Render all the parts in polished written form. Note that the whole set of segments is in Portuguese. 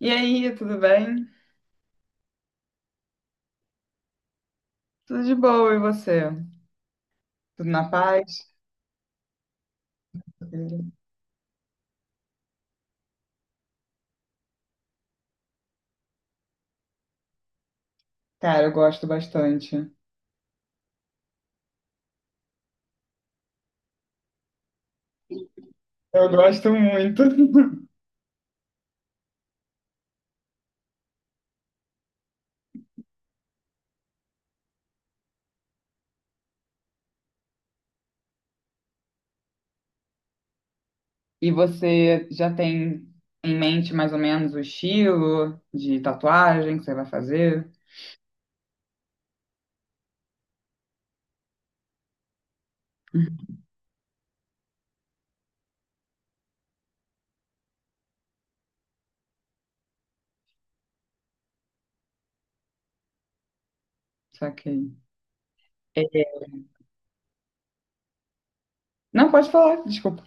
E aí, tudo bem? Tudo de boa, e você? Tudo na paz? Cara, eu gosto bastante. Eu gosto muito. E você já tem em mente mais ou menos o estilo de tatuagem que você vai fazer? Saquei. É. Não, pode falar, desculpa.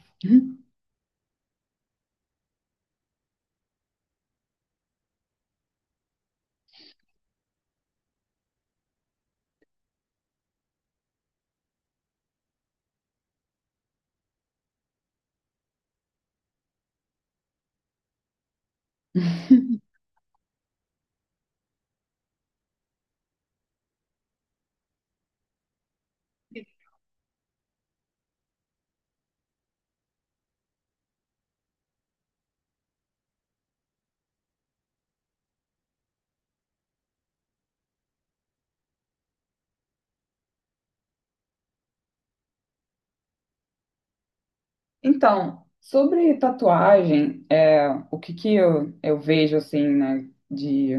Então, sobre tatuagem, o que que eu vejo assim, né, de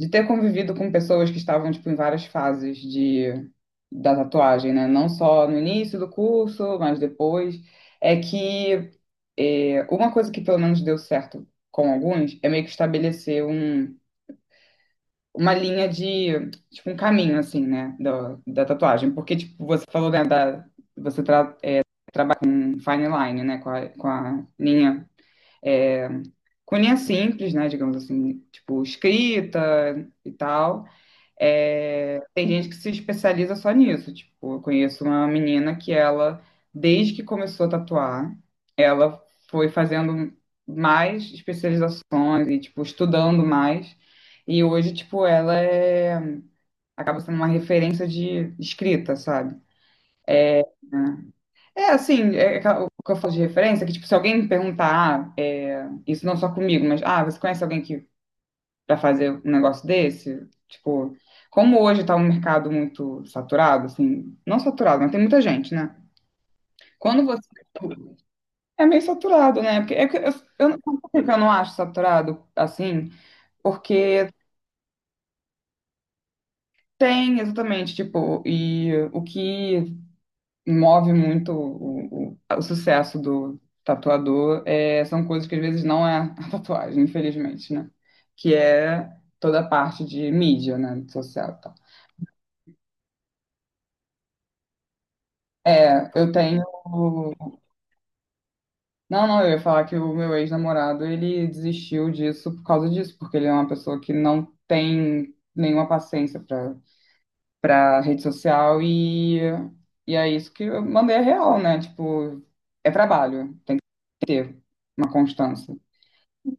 de ter convivido com pessoas que estavam tipo em várias fases de da tatuagem, né? Não só no início do curso, mas depois, é que é, uma coisa que pelo menos deu certo com alguns é meio que estabelecer uma linha de tipo um caminho assim, né, da tatuagem, porque tipo você falou, né, da você trata um fine line, né, com a linha, é, com linha simples, né, digamos assim, tipo escrita e tal. É, tem gente que se especializa só nisso. Tipo, eu conheço uma menina que ela, desde que começou a tatuar, ela foi fazendo mais especializações e, tipo, estudando mais. E hoje, tipo, acaba sendo uma referência de escrita, sabe? É assim, o que eu falo de referência é que, tipo, se alguém me perguntar, ah, é, isso não só comigo, mas, ah, você conhece alguém que para fazer um negócio desse? Tipo, como hoje está um mercado muito saturado, assim, não saturado, mas tem muita gente, né? Quando você é meio saturado, né? Porque é que eu, não- sabe por que eu não acho saturado assim, porque tem exatamente, tipo, e o que move muito o sucesso do tatuador é, são coisas que às vezes não é a tatuagem, infelizmente, né? Que é toda a parte de mídia, né? Social. É, eu tenho. Não, não, eu ia falar que o meu ex-namorado ele desistiu disso por causa disso, porque ele é uma pessoa que não tem nenhuma paciência pra rede social e é isso que eu mandei a real, né? Tipo, é trabalho, ter uma constância.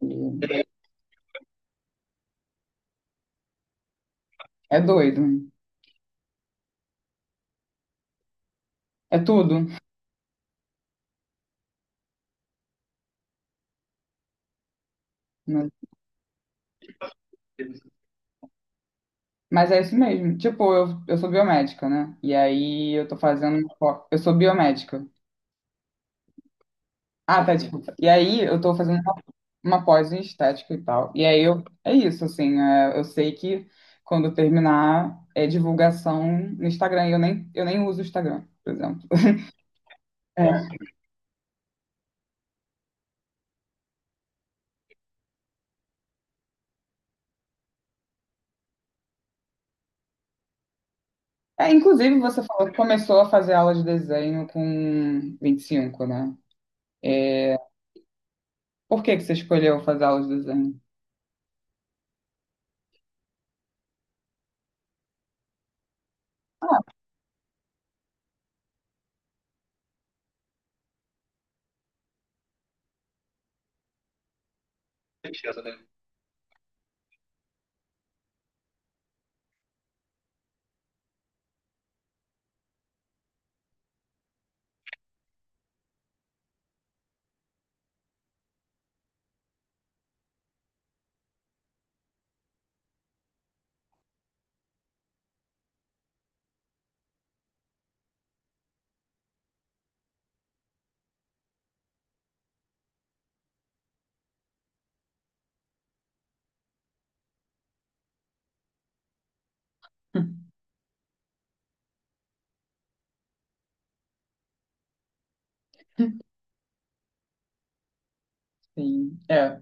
E É doido, é tudo, né? Mas é isso mesmo. Tipo, eu sou biomédica, né? E aí eu tô fazendo. Uma pós- Eu sou biomédica. Ah, tá, desculpa. E aí eu tô fazendo uma pós em estética e tal. E aí eu, é isso, assim, é, eu sei que quando eu terminar é divulgação no Instagram, e eu nem uso o Instagram, por exemplo. É. É, inclusive, você falou que começou a fazer aula de desenho com 25, né? Por que que você escolheu fazer aula de desenho? Sim, é,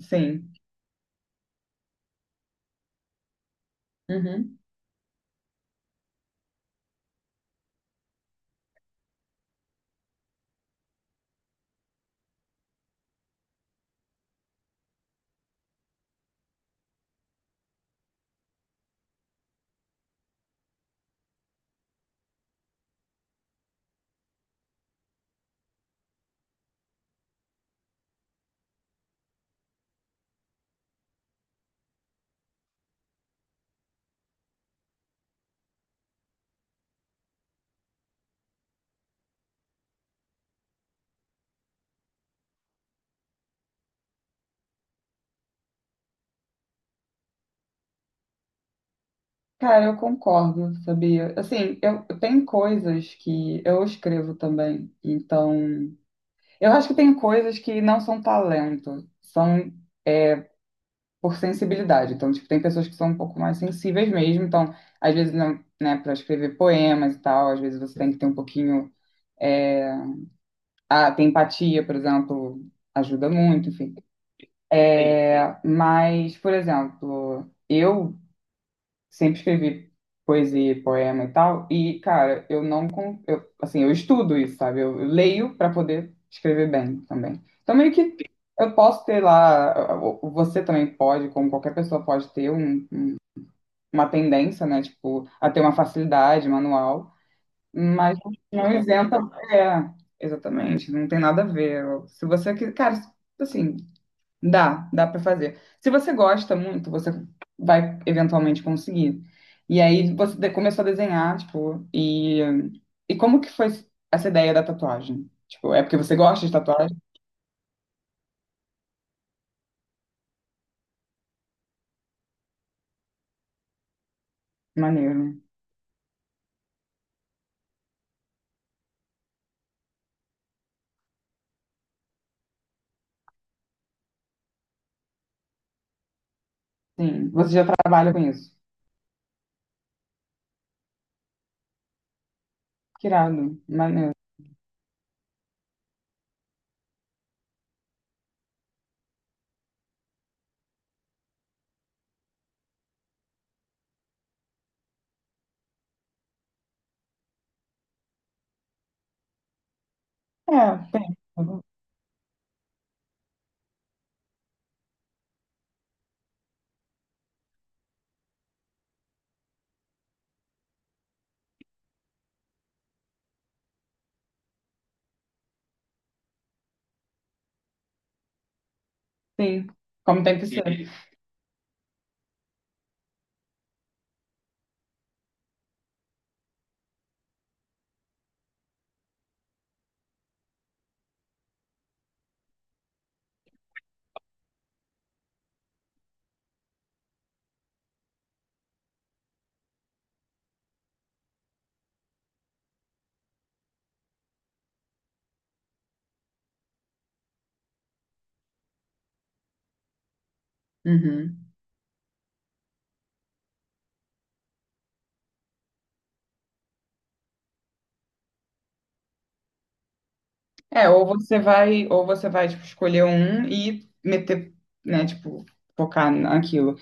sim. Uhum. Cara, eu concordo, sabia? Assim, eu tenho coisas que eu escrevo também, então eu acho que tem coisas que não são talento, são por sensibilidade. Então, tipo, tem pessoas que são um pouco mais sensíveis mesmo. Então, às vezes, não- né, para escrever poemas e tal, às vezes você tem que ter um pouquinho. Ah, tem empatia, por exemplo, ajuda muito, enfim. Sim. É, mas, por exemplo, eu sempre escrevi poesia, e poema e tal, e, cara, eu não. con- eu, assim, eu estudo isso, sabe? Eu leio para poder escrever bem também. Então, meio que. Eu posso ter lá, você também pode, como qualquer pessoa pode ter uma tendência, né? Tipo, a ter uma facilidade manual, mas não isenta. É, exatamente, não tem nada a ver. Se você quer, cara, assim, dá pra fazer. Se você gosta muito, você vai eventualmente conseguir. E aí começou a desenhar, tipo, e como que foi essa ideia da tatuagem? Tipo, é porque você gosta de tatuagem? Maneiro, né? Sim, você já trabalha com isso. Que irado, maneiro. É, tem. Sim, como tem que ser. Uhum. É, ou você vai, tipo, escolher um e meter, né, tipo, focar naquilo.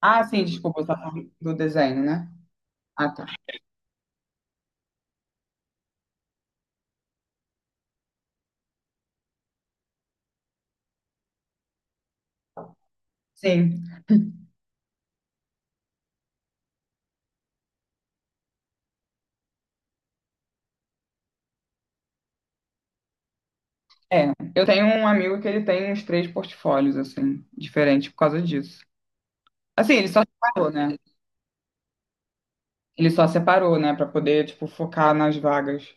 Ah, sim, desculpa, você tá falando do desenho, né? Ah, tá. Sim, é. Eu tenho um amigo que ele tem uns três portfólios, assim, diferentes por causa disso. Assim, ele só separou, né? Ele só separou, né, pra poder, tipo, focar nas vagas.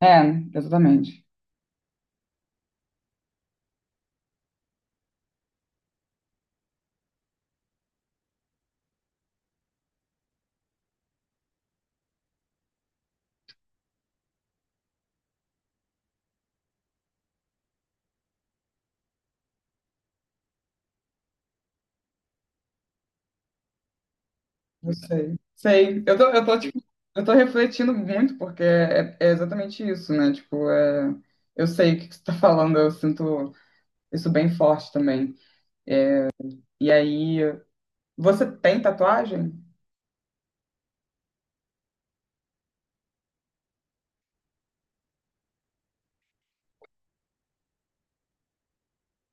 É, exatamente. Eu sei, sei. Tipo, eu tô refletindo muito, porque é, é exatamente isso, né? Tipo, é, eu sei o que que você tá falando, eu sinto isso bem forte também. E aí, você tem tatuagem?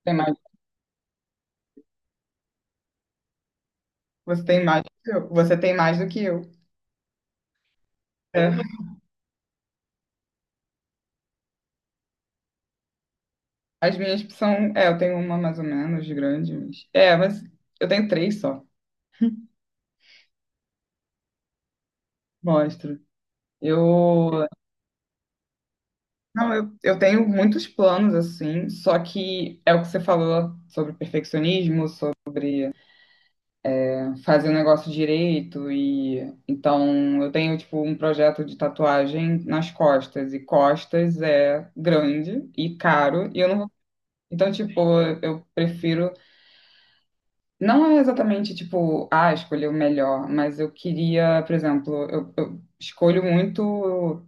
Tem mais, você tem mais do que eu. Você tem mais do que eu. É. As minhas são, é, eu tenho uma mais ou menos de grande, mas, é, mas eu tenho três só. Mostro. Eu, não, eu tenho muitos planos assim, só que é o que você falou sobre perfeccionismo, fazer o negócio direito, e então eu tenho tipo um projeto de tatuagem nas costas, e costas é grande e caro e eu não vou... então tipo eu prefiro, não é exatamente tipo ah escolher o melhor, mas eu queria, por exemplo, eu escolho muito,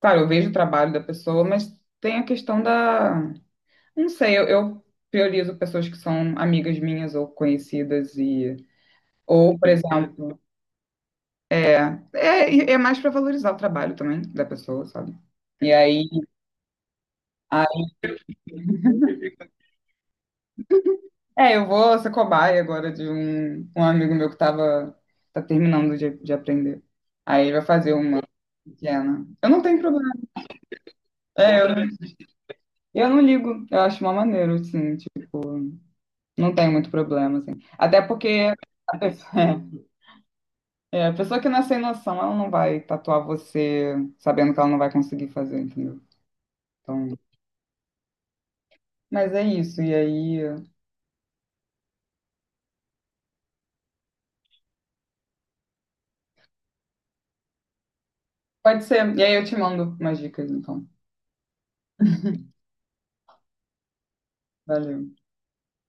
claro eu vejo o trabalho da pessoa, mas tem a questão da, não sei, eu priorizo pessoas que são amigas minhas ou conhecidas, e ou por exemplo É, e é mais para valorizar o trabalho também da pessoa, sabe? E aí, aí- é, eu vou ser cobaia agora de um amigo meu que tava, tá terminando de aprender. Aí ele vai fazer uma pequena. Eu não tenho problema. É, eu não ligo. Eu acho uma maneira, assim, tipo, não tenho muito problema, assim. Até porque a pessoa, é, a pessoa que não é sem noção, ela não vai tatuar você sabendo que ela não vai conseguir fazer, entendeu? Então, mas é isso. E aí. Pode ser. E aí eu te mando umas dicas, então. Valeu.